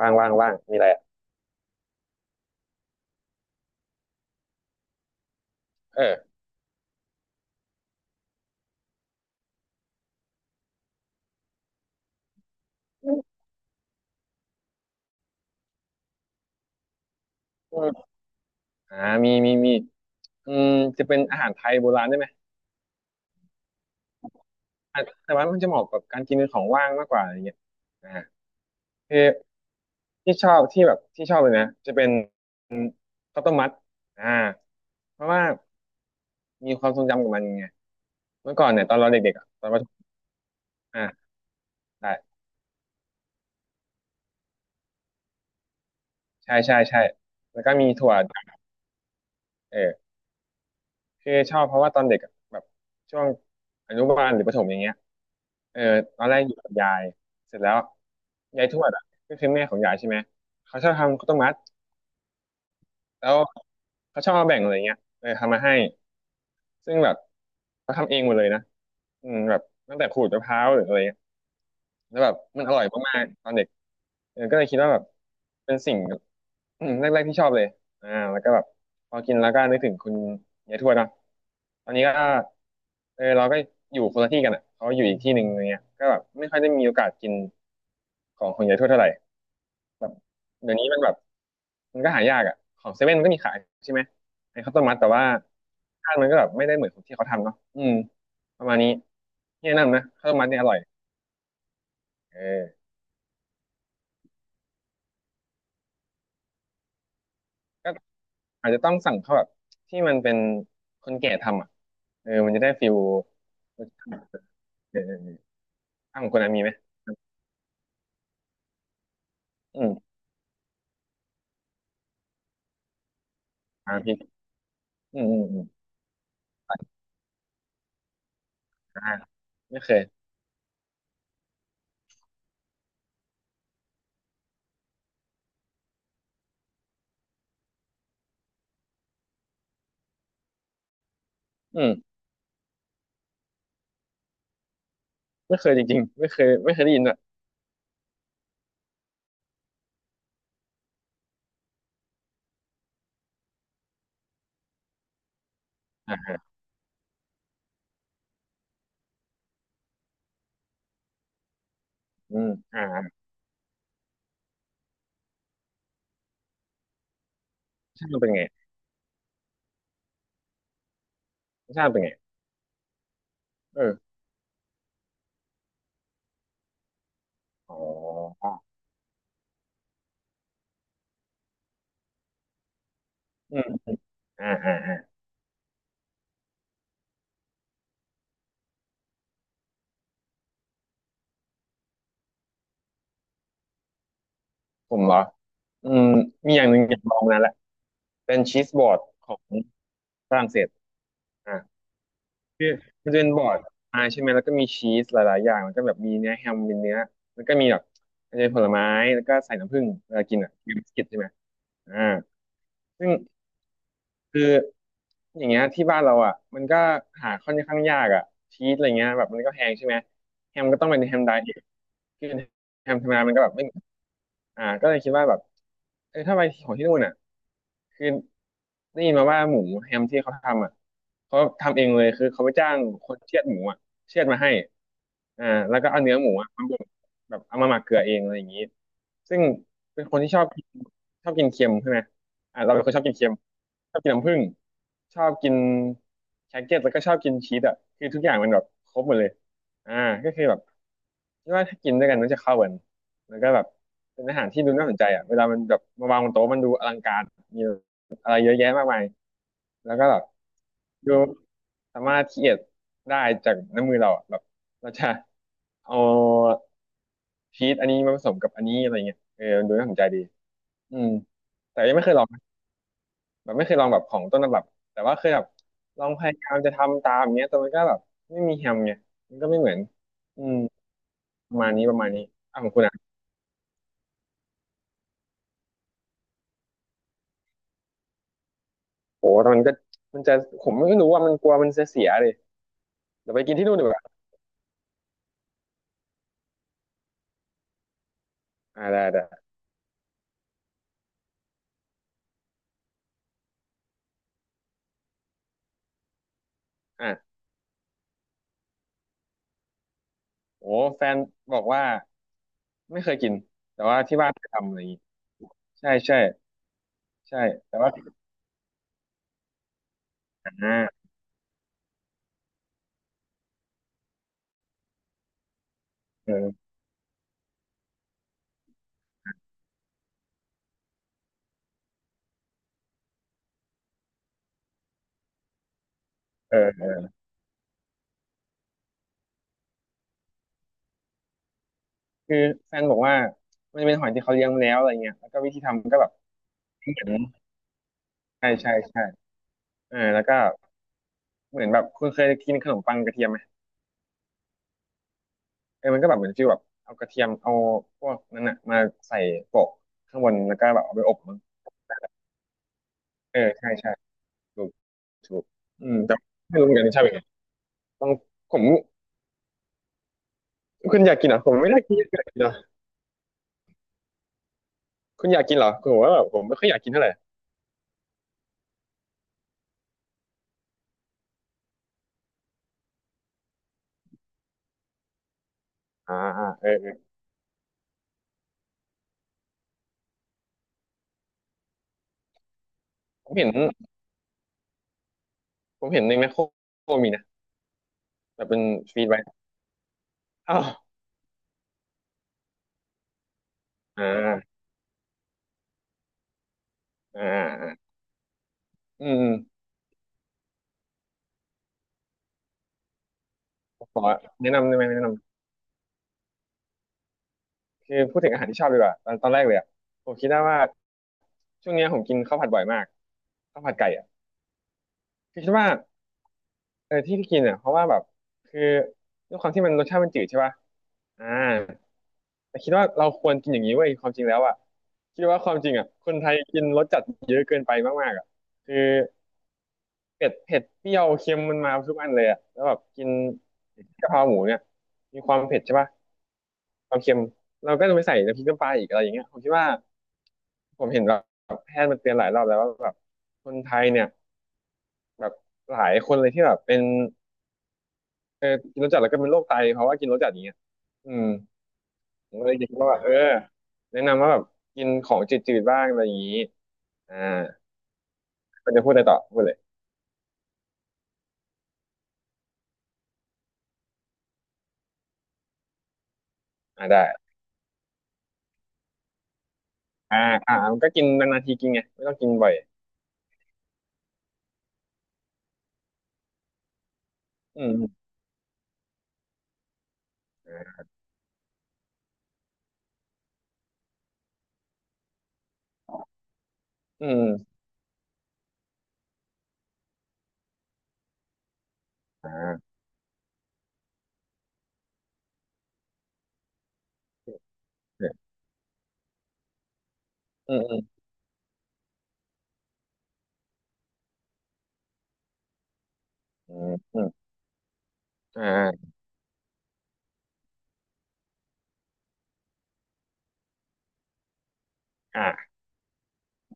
ว่างว่างว่างมีอะไรอ่ะเอออม่ามีมีมีอืมจะเป็นอาหารไทยโบราณได้ไหมอ่ะแต่ว่ามันจะเหมาะกับการกินเป็นของว่างมากกว่าอะไรเงี้ยอ่าคือที่ชอบที่แบบที่ชอบเลยนะจะเป็นข้าวต้มมัดอ่าเพราะว่ามีความทรงจำกับมันไงเมื่อก่อนเนี่ยตอนเราเด็กๆอะตอนประถมอ่าได้ใช่ใช่ใช่แล้วก็มีถั่วเออ คือชอบเพราะว่าตอนเด็กอะแบบช่วงอนุบาลหรือประถมอย่างเงี้ยเออตอนแรกอยู่กับยายเสร็จแล้วยายทวดอ่ะก็คือแม่ของยายใช่ไหมเขาชอบทำข้าวต้มมัดแล้วเขาชอบมาแบ่งอะไรเงี้ยเออทำมาให้ซึ่งแบบเขาทำเองหมดเลยนะอืมแบบตั้งแต่ขูดมะพร้าวหรืออะไร แล้วแบบมันอร่อยมากๆตอนเด็กเออก็เลยคิดว่าแบบเป็นสิ่งแบบอืมแรกๆที่ชอบเลยอ่าแล้วก็แบบพอกินแล้วก็นึกถึงคุณยายทวดเนอะตอนนี้ก็เออเราก็อยู่คนละที่กันอ่ะเขาอยู่อีกที่หนึ่งอะไรเงี้ยก็แบบไม่ค่อยได้มีโอกาสกินของคุณยายทวดเท่าไหร่แบบเดี๋ยวนี้มันแบบมันก็หายากอ่ะของเซเว่นก็มีขายใช่ไหมไอ้ข้าวต้มมัดแต่ว่าค้านมันก็แบบไม่ได้เหมือนของที่เขาทำเนาะอืมประมาณนี้ที่แนะนำนะข้าวต้มมัดเนี่ยอร่อยเออ อาจจะต้องสั่งเขาแบบที่มันเป็นคนแก่ทำอ่ะเออมันจะได้ฟิลรสชาติเอออ้าวคนนั้นมีไหมอืมอ่าพี่อืมอืมอืมอ่าไม่เคยอืมไม่เคยจริงๆไม่เคยไม่เคยได้ยินอ่ะอ่าฮะอืมอ่าอ่ารสชาติมันเป็นไงรสชาติมันเป็นไงเอออ๋ออืมอมอ่าอ่าอ่าผมเหรออืมมีอย่างหนึ่งอยากลองมานานละเป็นชีสบอร์ดของฝรั่งเศสอ่า คือมันจะเป็นบอร์ดพายใช่ไหมแล้วก็มีชีสหลายๆอย่างแล้วก็แบบมีเนื้อแฮมเป็นเนื้อแล้วก็มีแบบอาจจะเป็นผลไม้แล้วก็ใส่น้ำผึ้งเวลากินอ่ะมีบิสกิตใช่ไหมอ่าซึ่ง คืออย่างเงี้ยที่บ้านเราอ่ะมันก็หาค่อนข้างยากอ่ะชีสอะไรเงี้ยแบบมันก็แพงใช่ไหมแฮมก็ต้องเป็นแฮมไดเอทคือแฮมธรรมดามันก็แบบไม่อ่าก็เลยคิดว่าแบบเออถ้าไปของที่นู่นอ่ะคือได้ยินมาว่าหมูแฮมที่เขาทำอ่ะเขาทำเองเลยคือเขาไปจ้างคนเชือดหมูอ่ะเชือดมาให้อ่าแล้วก็เอาเนื้อหมูอ่ะมาบดแบบเอามาหมักเกลือเองอะไรอย่างงี้ซึ่งเป็นคนที่ชอบกินชอบกินเค็มใช่ไหม อ่ะเราเป็นคนชอบกินเค็มชอบกินน้ำผึ้งชอบกินแครกเก็ตแล้วก็ชอบกินชีสอ่ะคือทุกอย่างมันแบบครบหมดเลยอ่าก็คือแบบคิดว่าถ้ากินด้วยกันมันจะเข้ากันแล้วก็แบบเป็นอาหารที่ดูน่าสนใจอ่ะเวลามันแบบมาวางบนโต๊ะมันดูอลังการมีอะไรเยอะแยะมากมายแล้วก็แบบดูสามารถคิดได้จากน้ำมือเราอะแบบเราจะเอาชีสอันนี้มาผสมกับอันนี้อะไรเงี้ยเออมันดูน่าสนใจดีอืมแต่ยังไม่เคยลอง แบบไม่เคยลองแบบของต้นฉบับแต่ว่าเคยแบบลองพยายามจะทำตามอย่างเงี้ยแต่มันก็แบบไม่มีแฮมไงมันก็ไม่เหมือนอืมประมาณนี้ประมาณนี้อ่ะของคุณอ่ะโหแต่มันก็มันจะผมไม่รู้ว่ามันกลัวมันจะเสียเลยเดี๋ยวไปกินที่นู่นดีกว่าอ่าได้ได้อ่ะโอ้แฟนบอกว่าไม่เคยกินแต่ว่าที่บ้านเคยทำอะไรอย่างงี้ใช่ใช่ใช่แต่ว่าอ่าเออเออคือแฟนบอกว่ามันเป็นหอยที่เขาเลี้ยงมาแล้วอะไรเงี้ยแล้วก็วิธีทำก็แบบเหมือนใช่ใช่ใช่เออแล้วก็ เหมือนแบบคุณเคยกินขนมปังกระเทียมไหมเออมันก็แบบเหมือนฟีลแบบเอากระเทียมเอาพวกนั้นอ่ะมาใส่โปะข้างบนแล้วก็แบบเอาไปอบมั้งเออใช่ใช่ถูกถูกอืมแต่ไม่รู้เหมือนกันใช่ไหมต้องผมคุณอยากกินเหรอผมไม่ได้กินอยากกินเหรอคุณอยากกินเหรอคือผมว่าแบบผมไม่ค่อยอยากกินเท่าไหร่อ่าอ่าเออเออผมเห็นผมเห็นในแมคโครมีนะแบบเป็นฟีดไว้อ้าวอ่าอ่าอ่าอืมอืมขอแนะนำได้ไหมแนะนำ คือพูดถึงอาหารที่ชอบดีกว่าตอนแรกเลยอะผมคิดได้ว่าช่วงเนี้ยผมกินข้าวผัดบ่อยมากข้าวผัดไก่อ่ะคือคิดว่าเออที่กินอ่ะเพราะว่าแบบคือด้วยความที่มันรสชาติมันจืดใช่ป่ะอ่าแต่คิดว่าเราควรกินอย่างนี้เว้ยความจริงแล้วอ่ะคิดว่าความจริงอ่ะคนไทยกินรสจัดเยอะเกินไปมากๆอ่ะคือเผ็ดเปรี้ยวเค็มมันมาทุกอันเลยอ่ะแล้วแบบกินกะเพราหมูเนี่ยมีความเผ็ดใช่ป่ะ ความเค็มเราก็จะไปใส่น้ำพริกน้ำปลาอีกอะไรอย่างเงี้ยผมคิดว่าผมเห็นแบบแพทย์มันเตือนหลายรอบแล้วว่าแบบคนไทยเนี่ยแบบหลายคนเลยที่แบบเป็นเออกินรสจัดแล้วก็เป็นโรคไตเพราะว่ากินรสจัดอย่างเงี้ยอืมผมก็เลยคิดว่าแบบเออแนะนำว่าแบบกินของจืดๆบ้างอะไรอย่างงี้อ่าก็จะพูดอะไรต่อพูดเลยอ่าได้อ่าอ่ามันก็กินนานๆทีกินไงไม่ต้องกินบ่อยอืมอืมอืมอ่าอืมอืมอืมอืมอมอ่าอ่า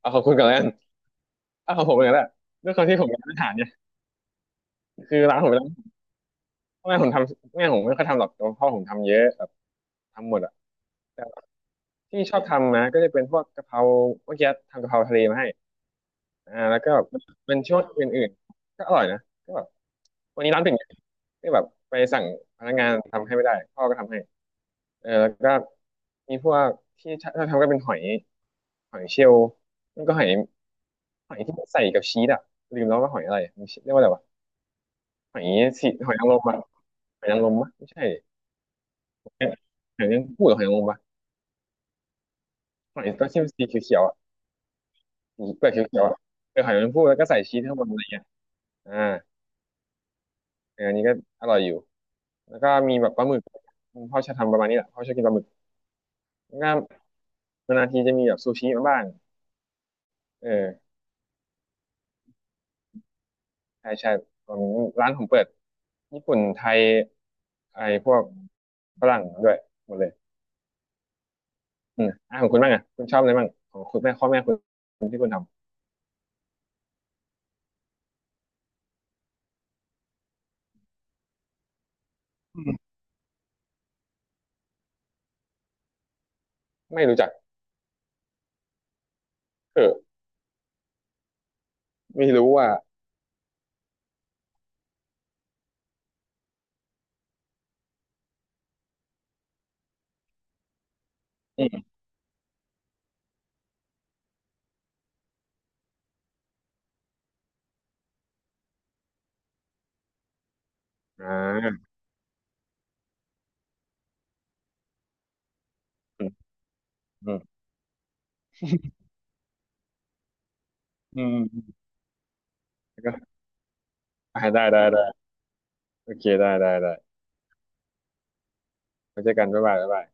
เอาขอบคุณก่อนแล้วกัน อ้าวผมเหมืองนกันแหละด้วยความที่ผมเป็นร้านอาหารเนี่ยคือร้านผมเป็นร้านแม่ผมทำแม่ผมไม่ค่อยทำหรอกแต่ว่าพ่อผมทำเยอะแบบทำหมดอะแต่ที่ชอบทำนะก็จะเป็นพวกกะเพราเมื่อกี้ทำกะเพราทะเลมาให้แล้วก็แบบเป็นช่วงอื่นๆก็อร่อยนะก็แบบวันนี้ร้านปิดไงก็แบบไปสั่งพนักงานทำให้ไม่ได้พ่อก็ทำให้เออแล้วก็มีพวกที่ชอบทำก็เป็นหอยหอยเชลล์มันก็หอยหอยที่ใส่กับชีสอะลืมแล้วว่าหอยอะไรมันเรียกว่าอะไรวะหอยสีหอยนางรมอะ หอยนางรมปะไม่ใช่หอยนางรมพูดหรือหอยนางรมปะหอยต้องชิมนสีเขียวๆอ่ะสีเปลือกเขียวๆอ่ะเออหอยนางรมพูดแล้วก็ใส่ชีสข้างบนอะไรเงี้ยอ่าเอออันนี้ก็อร่อยอยู่ แล้วก็มีแบบปลาหมึกพ่อชอบทำประมาณนี้แหละพ่อชอบกินปลาหมึกก็นานๆทีจะมีแบบซูชิมาบ้างเออใช่ใช่ผมร้านผมเปิดญี่ปุ่นไทยไอ้พวกฝรั่งด้วยหมดเลยอืมอ่ะของคุณบ้างอ่ะคุณชอบอะไรบ้างของคุณแม่พ่อแม่คุณที่คุณทำอืมไม่รู้จักเออไม่รู้ว่าอืมอ่า อืมอืมอืมแล้วก็ได้ได้ได้โอเคได้ได้ได้ไว้เจอกันบ๊ายบายบ๊ายบาย